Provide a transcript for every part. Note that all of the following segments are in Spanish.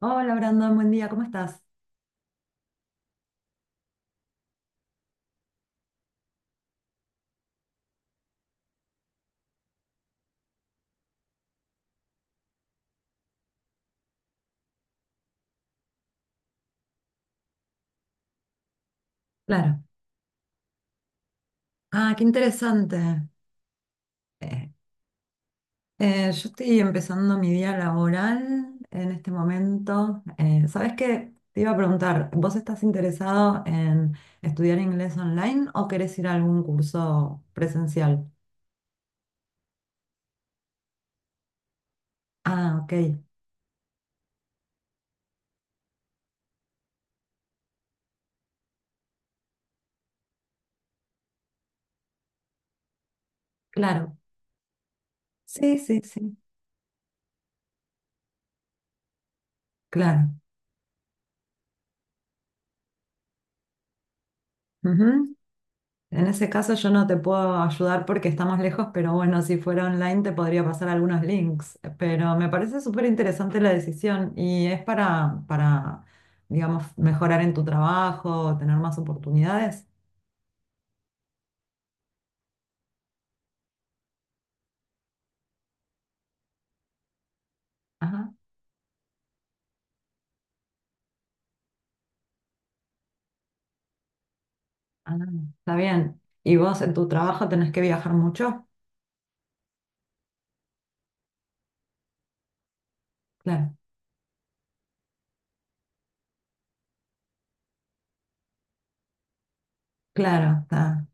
Hola Brandon, buen día, ¿cómo estás? Claro. Ah, qué interesante. Eh, yo estoy empezando mi día laboral en este momento. ¿Sabes qué? Te iba a preguntar, ¿vos estás interesado en estudiar inglés online o querés ir a algún curso presencial? Ah, ok, claro. Sí, sí, sí, claro. En ese caso yo no te puedo ayudar porque estamos lejos, pero bueno, si fuera online te podría pasar algunos links. Pero me parece súper interesante la decisión y es digamos, mejorar en tu trabajo, tener más oportunidades. Ajá, ah, está bien. ¿Y vos en tu trabajo tenés que viajar mucho? Claro, claro, está.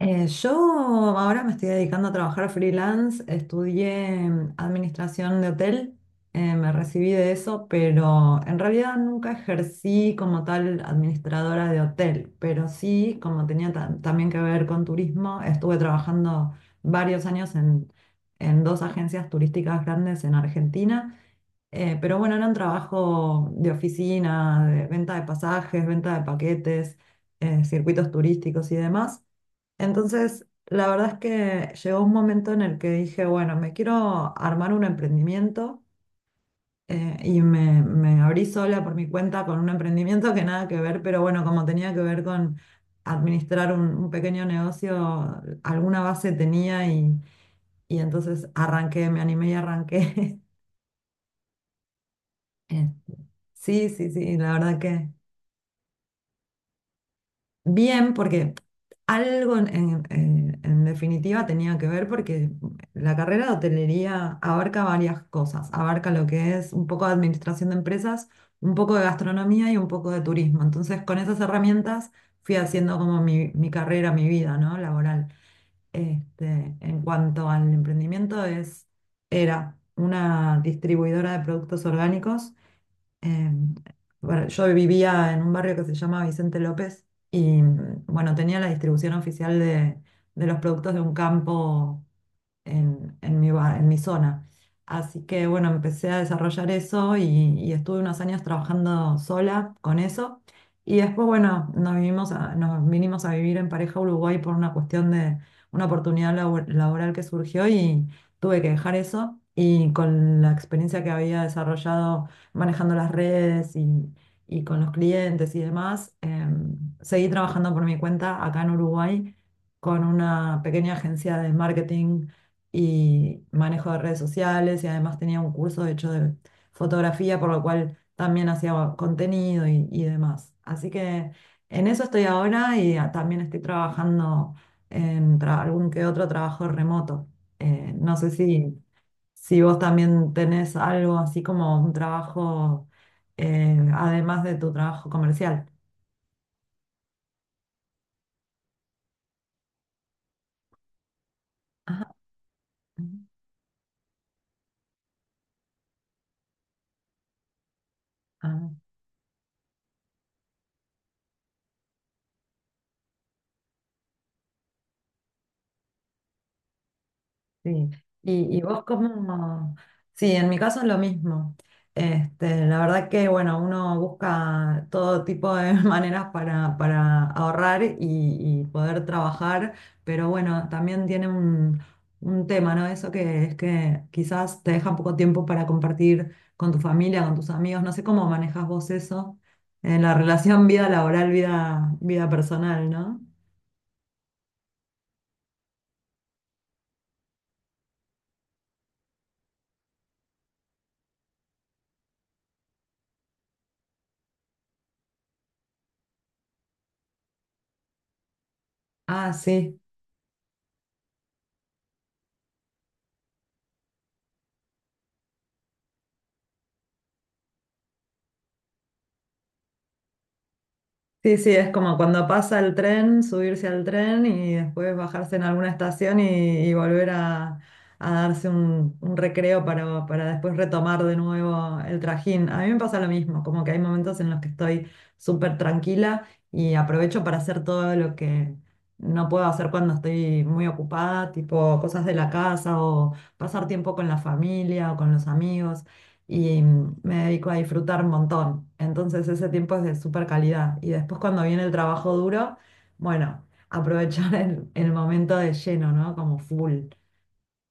Yo ahora me estoy dedicando a trabajar freelance, estudié administración de hotel, me recibí de eso, pero en realidad nunca ejercí como tal administradora de hotel, pero sí, como tenía también que ver con turismo, estuve trabajando varios años en dos agencias turísticas grandes en Argentina. Pero bueno, era un trabajo de oficina, de venta de pasajes, venta de paquetes, circuitos turísticos y demás. Entonces, la verdad es que llegó un momento en el que dije, bueno, me quiero armar un emprendimiento y me abrí sola por mi cuenta con un emprendimiento que nada que ver, pero bueno, como tenía que ver con administrar un pequeño negocio, alguna base tenía y entonces arranqué, me animé y arranqué. Eh, sí, sí, sí, la verdad que bien, porque algo en, en definitiva tenía que ver, porque la carrera de hotelería abarca varias cosas, abarca lo que es un poco de administración de empresas, un poco de gastronomía y un poco de turismo. Entonces, con esas herramientas fui haciendo como mi carrera, mi vida, ¿no? Laboral. Este, en cuanto al emprendimiento, era una distribuidora de productos orgánicos en- bueno, yo vivía en un barrio que se llama Vicente López y bueno, tenía la distribución oficial de los productos de un campo en mi, en mi zona. Así que bueno, empecé a desarrollar eso y estuve unos años trabajando sola con eso. Y después, bueno, nos vinimos a vivir en pareja a Uruguay por una cuestión de una oportunidad laboral que surgió y tuve que dejar eso. Y con la experiencia que había desarrollado manejando las redes y con los clientes y demás, seguí trabajando por mi cuenta acá en Uruguay con una pequeña agencia de marketing y manejo de redes sociales y además tenía un curso hecho de fotografía, por lo cual también hacía contenido y demás. Así que en eso estoy ahora y también estoy trabajando en algún que otro trabajo remoto. No sé si, si vos también tenés algo así como un trabajo, además de tu trabajo comercial. Ajá. Ah. Sí, y, y vos cómo, sí, en mi caso es lo mismo. Este, la verdad que, bueno, uno busca todo tipo de maneras para ahorrar y poder trabajar, pero bueno, también tiene un tema, ¿no? Eso que es que quizás te deja poco tiempo para compartir con tu familia, con tus amigos, no sé cómo manejas vos eso, en la relación vida laboral, vida personal, ¿no? Ah, sí. Sí, sí, es como cuando pasa el tren, subirse al tren y después bajarse en alguna estación y, a darse un recreo para después retomar de nuevo el trajín. A mí me pasa lo mismo, como que hay momentos en los que estoy súper tranquila y aprovecho para hacer todo lo que no puedo hacer cuando estoy muy ocupada, tipo cosas de la casa o pasar tiempo con la familia o con los amigos y me dedico a disfrutar un montón. Entonces ese tiempo es de súper calidad. Y después cuando viene el trabajo duro, bueno, aprovechar el momento de lleno, ¿no? Como full.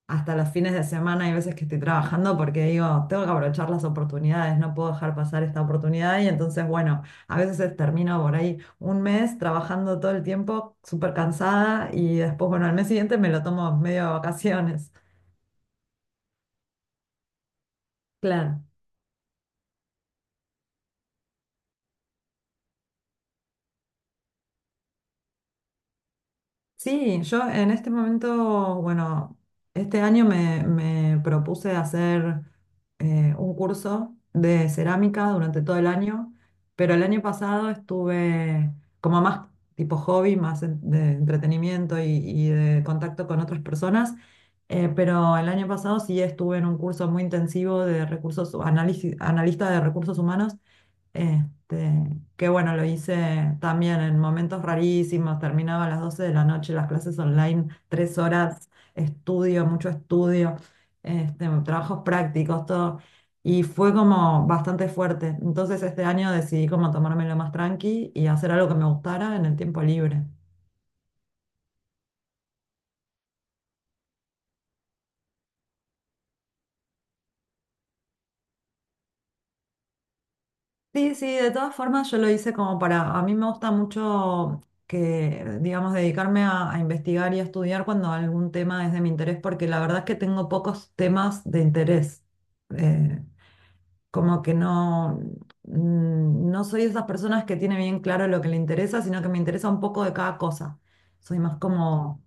Hasta los fines de semana hay veces que estoy trabajando porque digo, tengo que aprovechar las oportunidades, no puedo dejar pasar esta oportunidad. Y entonces, bueno, a veces termino por ahí un mes trabajando todo el tiempo, súper cansada, y después, bueno, al mes siguiente me lo tomo medio de vacaciones. Claro. Sí, yo en este momento, bueno, este año me propuse hacer un curso de cerámica durante todo el año, pero el año pasado estuve como más tipo hobby, más de entretenimiento y de contacto con otras personas, pero el año pasado sí estuve en un curso muy intensivo de recursos, análisis, analista de recursos humanos este, que bueno, lo hice también en momentos rarísimos, terminaba a las 12 de la noche las clases online, 3 horas, estudio, mucho estudio, este, trabajos prácticos, todo. Y fue como bastante fuerte. Entonces este año decidí como tomármelo más tranqui y hacer algo que me gustara en el tiempo libre. Sí, sí, de todas formas yo lo hice como para, a mí me gusta mucho que, digamos, dedicarme a investigar y a estudiar cuando algún tema es de mi interés, porque la verdad es que tengo pocos temas de interés. Eh, como que no, no soy de esas personas que tiene bien claro lo que le interesa, sino que me interesa un poco de cada cosa. Soy más como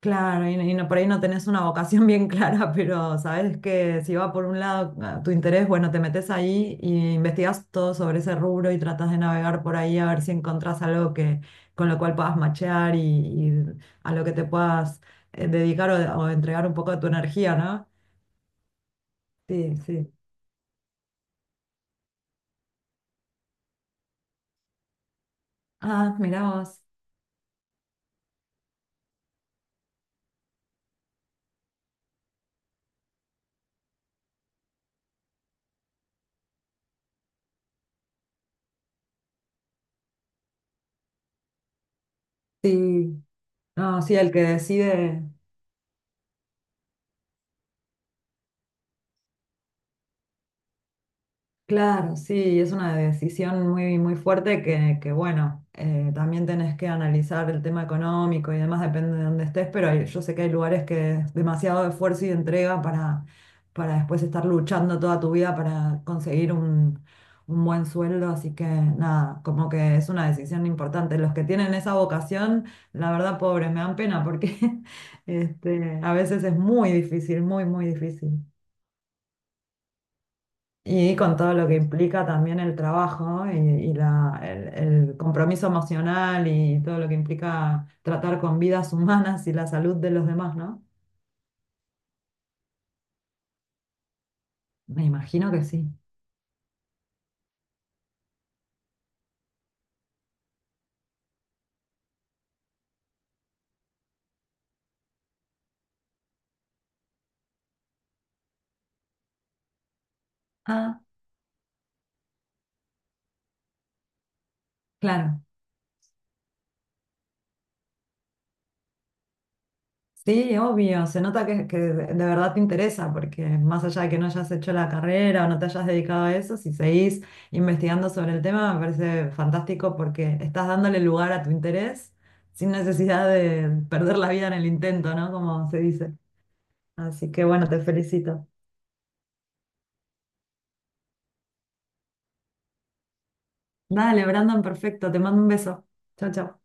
claro, y no, por ahí no tenés una vocación bien clara, pero sabes que si va por un lado ah, tu interés, bueno, te metes ahí y investigas todo sobre ese rubro y tratas de navegar por ahí a ver si encontrás algo que, con lo cual puedas machear y a lo que te puedas dedicar o entregar un poco de tu energía, ¿no? Sí, sí. Ah, mirá vos. Sí. No, sí, el que decide. Claro, sí, es una decisión muy fuerte que, bueno, también tenés que analizar el tema económico y demás, depende de dónde estés, pero hay- yo sé que hay lugares que es demasiado esfuerzo y entrega para después estar luchando toda tu vida para conseguir un buen sueldo, así que nada, como que es una decisión importante. Los que tienen esa vocación, la verdad, pobres, me dan pena porque este, a veces es muy difícil, muy, muy difícil. Y con todo lo que implica también el trabajo y el compromiso emocional y todo lo que implica tratar con vidas humanas y la salud de los demás, ¿no? Me imagino que sí. Ah, claro. Sí, obvio. Se nota que de verdad te interesa, porque más allá de que no hayas hecho la carrera o no te hayas dedicado a eso, si seguís investigando sobre el tema, me parece fantástico porque estás dándole lugar a tu interés sin necesidad de perder la vida en el intento, ¿no? Como se dice. Así que bueno, te felicito. Dale, Brandon, perfecto. Te mando un beso. Chao, chao.